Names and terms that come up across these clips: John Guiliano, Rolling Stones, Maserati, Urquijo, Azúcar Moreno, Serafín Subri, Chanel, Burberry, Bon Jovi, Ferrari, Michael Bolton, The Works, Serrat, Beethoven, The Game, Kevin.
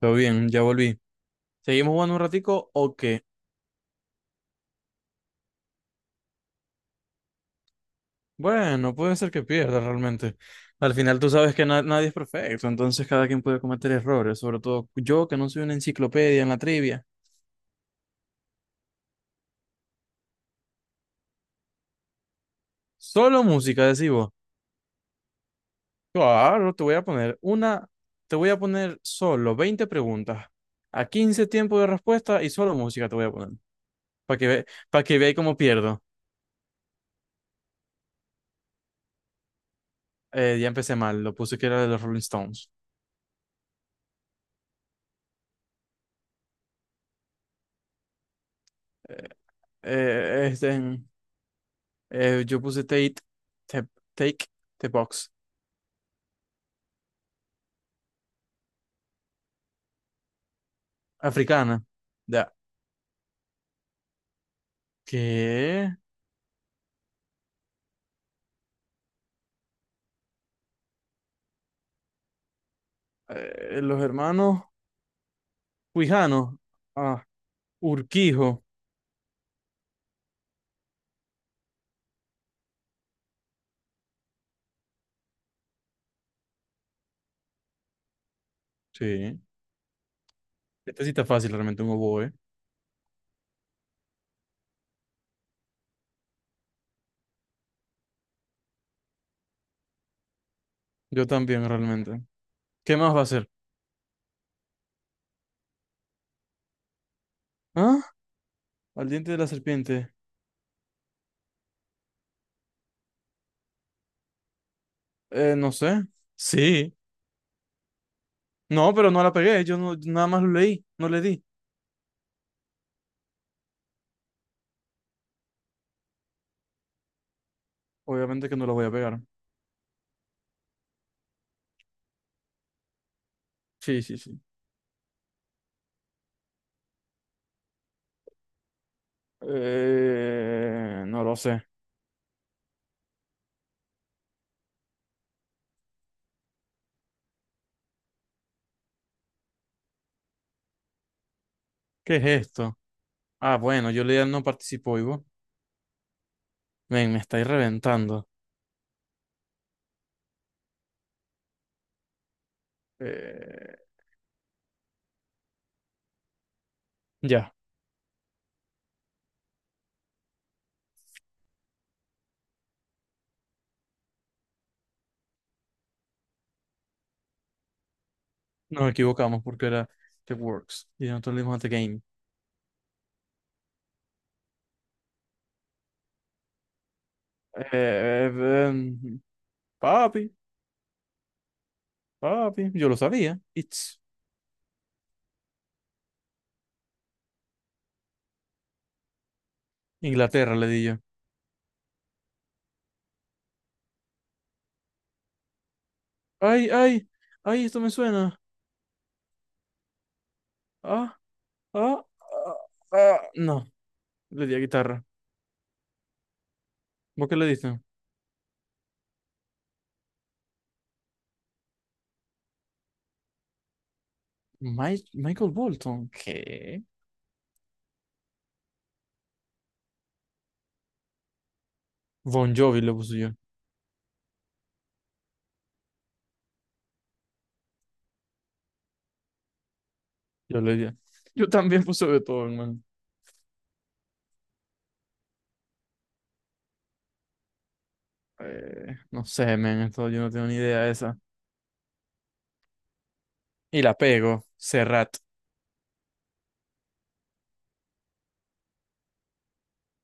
Todo bien, ya volví. ¿Seguimos jugando un ratico o qué? Bueno, puede ser que pierda realmente. Al final tú sabes que nadie es perfecto, entonces cada quien puede cometer errores, sobre todo yo que no soy una enciclopedia en la trivia. Solo música, decimos. Claro, te voy a poner una, te voy a poner solo 20 preguntas, a 15 tiempos de respuesta y solo música te voy a poner, para que veáis cómo pierdo. Ya empecé mal, lo puse que era de los Rolling Stones. Eh, eh, este, yo puse te- take the Box, africana. Ya. ¿Qué? Los hermanos Huijanos. Ah, Urquijo. Sí. Esta sí está fácil realmente, un oboe. Yo también realmente. ¿Qué más va a ser? ¿Ah? Al diente de la serpiente. No sé. Sí. No, pero no la pegué. Yo no, nada más lo leí. No le di. Obviamente que no la voy a pegar. Sí, sí, sí. No lo sé. ¿Qué es esto? Ah, bueno, yo leía no participó, Ivo. Men, me estáis reventando. Eh, ya, nos equivocamos porque era The Works y nosotros le dimos a The Game. Eh, em, Papi, papi, yo lo sabía. It's Inglaterra, le di yo. Ay, ay, ay, esto me suena. Ah, ah, ah, ah. No, le di a guitarra. ¿Vos qué le diste? Michael Bolton, ¿qué? Bon Jovi le puse yo. Yo le di. Yo también puse Beethoven, man. No sé, men, esto yo no tengo ni idea de esa. Y la pego. Serrat,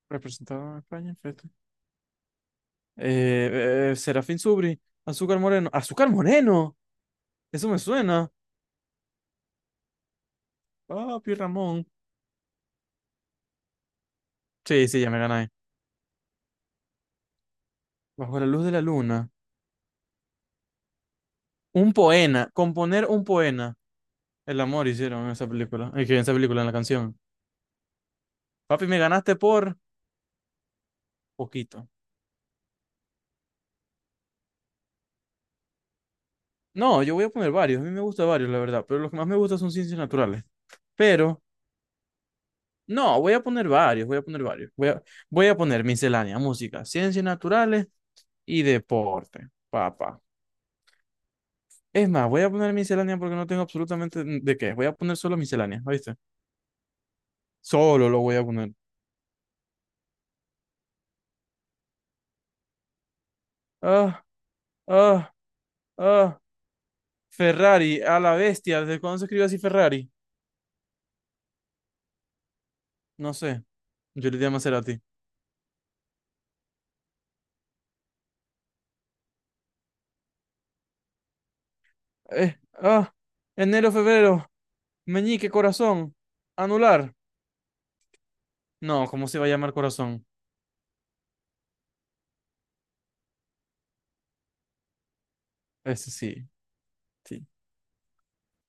representado en España. Fíjate. Serafín Subri, Azúcar Moreno. ¡Azúcar Moreno! Eso me suena. Papi Ramón. Sí, sí, ya me gané. Bajo la luz de la luna. Un poema. Componer un poema. El amor hicieron en esa película. Es que en esa película, en la canción. Papi, me ganaste por poquito. No, yo voy a poner varios. A mí me gustan varios, la verdad. Pero los que más me gustan son ciencias naturales. Pero no, voy a poner varios, voy a poner varios. Voy a poner miscelánea, música, ciencias naturales y deporte, papá. Es más, voy a poner miscelánea porque no tengo absolutamente de qué. Voy a poner solo miscelánea, ¿viste? Solo lo voy a poner. Ah, ah, ah. Ferrari, a la bestia. ¿Desde cuándo se escribe así Ferrari? No sé. Yo le di a Maserati. Eh, ah, Enero, febrero. Meñique, corazón. Anular. No, ¿cómo se va a llamar corazón? Ese sí, sí.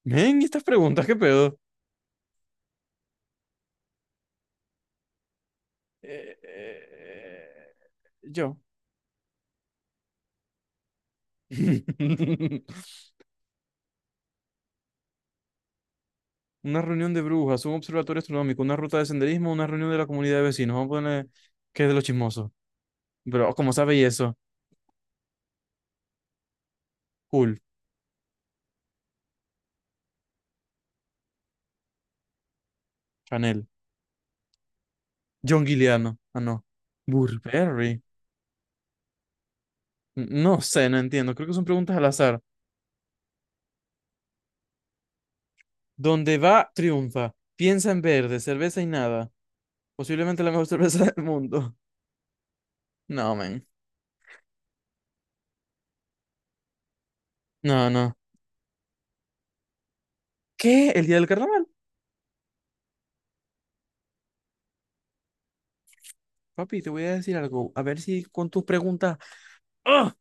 Ven, estas preguntas, ¿qué pedo? Eh, eh, yo. Una reunión de brujas, un observatorio astronómico, una ruta de senderismo, una reunión de la comunidad de vecinos. Vamos a poner que es de los chismosos. Pero, ¿cómo sabe y eso? Cool. Chanel. John Guiliano. Ah, no. Burberry. No sé, no entiendo. Creo que son preguntas al azar. Donde va, triunfa. Piensa en verde, cerveza y nada. Posiblemente la mejor cerveza del mundo. No, man. No, no. ¿Qué? ¿El día del carnaval? Papi, te voy a decir algo. A ver si con tus preguntas. ¡Ah!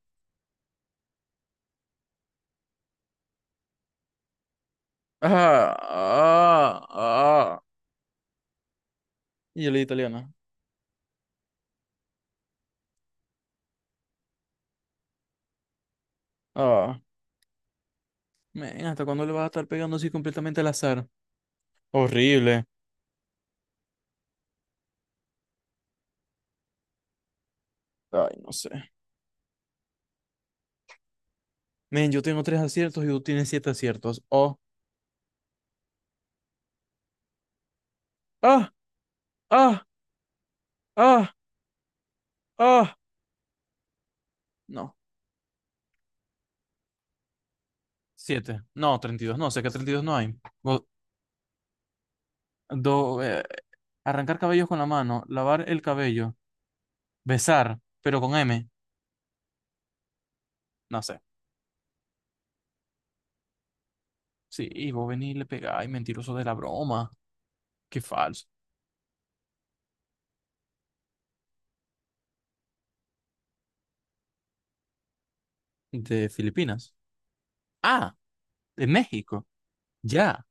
¡Ah! ¡Ah! ¡Ah! Y yo le di italiana. ¡Ah! Men, ¿hasta cuándo le vas a estar pegando así completamente al azar? Horrible. Ay, no sé. Men, yo tengo tres aciertos y tú tienes siete aciertos. ¡Oh! ¡Ah! ¡Ah! ¡Ah! ¡Ah! No. Siete. No, 32. No, sé que 32 no hay. Go- do- eh, Arrancar cabellos con la mano. Lavar el cabello. Besar, pero con M. No sé. Sí, y vos venís y le pegáis, mentiroso de la broma. Qué falso. De Filipinas. Ah, de México. Ya.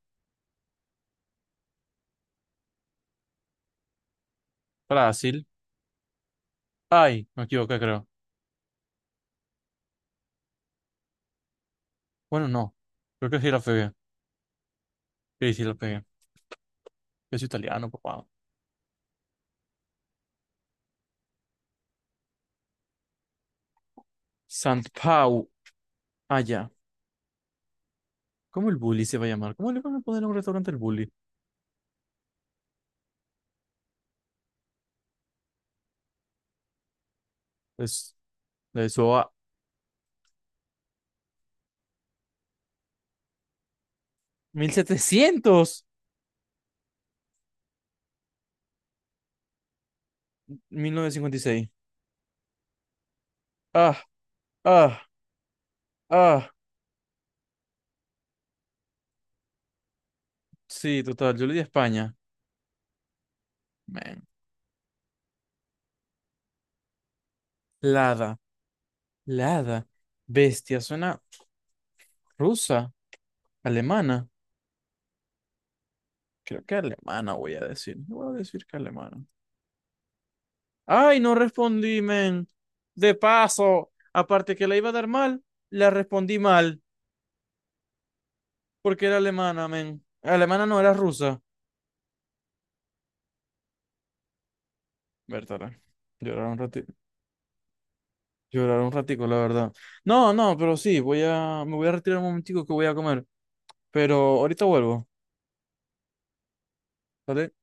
Brasil. Ay, me equivoqué, creo. Bueno, no. Creo que sí la pegué. Sí, sí la pegué. Yo soy italiano, papá. Sant Pau. Allá. ¿Cómo el bully se va a llamar? ¿Cómo le van a poner a un restaurante el bully? Es de eso a. Mil setecientos. 1956. Ah, ah, ah. Sí, total. Yo le di a España. Man. Lada. Lada. Bestia. Suena. Rusa, alemana. Creo que alemana voy a decir. Voy a decir que alemana. Ay, no respondí, men. De paso, aparte que la iba a dar mal, la respondí mal, porque era alemana, men. Alemana no era rusa. Bertala, llorar un ratito. Llorar un ratico, la verdad. No, no, pero sí, me voy a retirar un momentico que voy a comer. Pero ahorita vuelvo, ¿vale?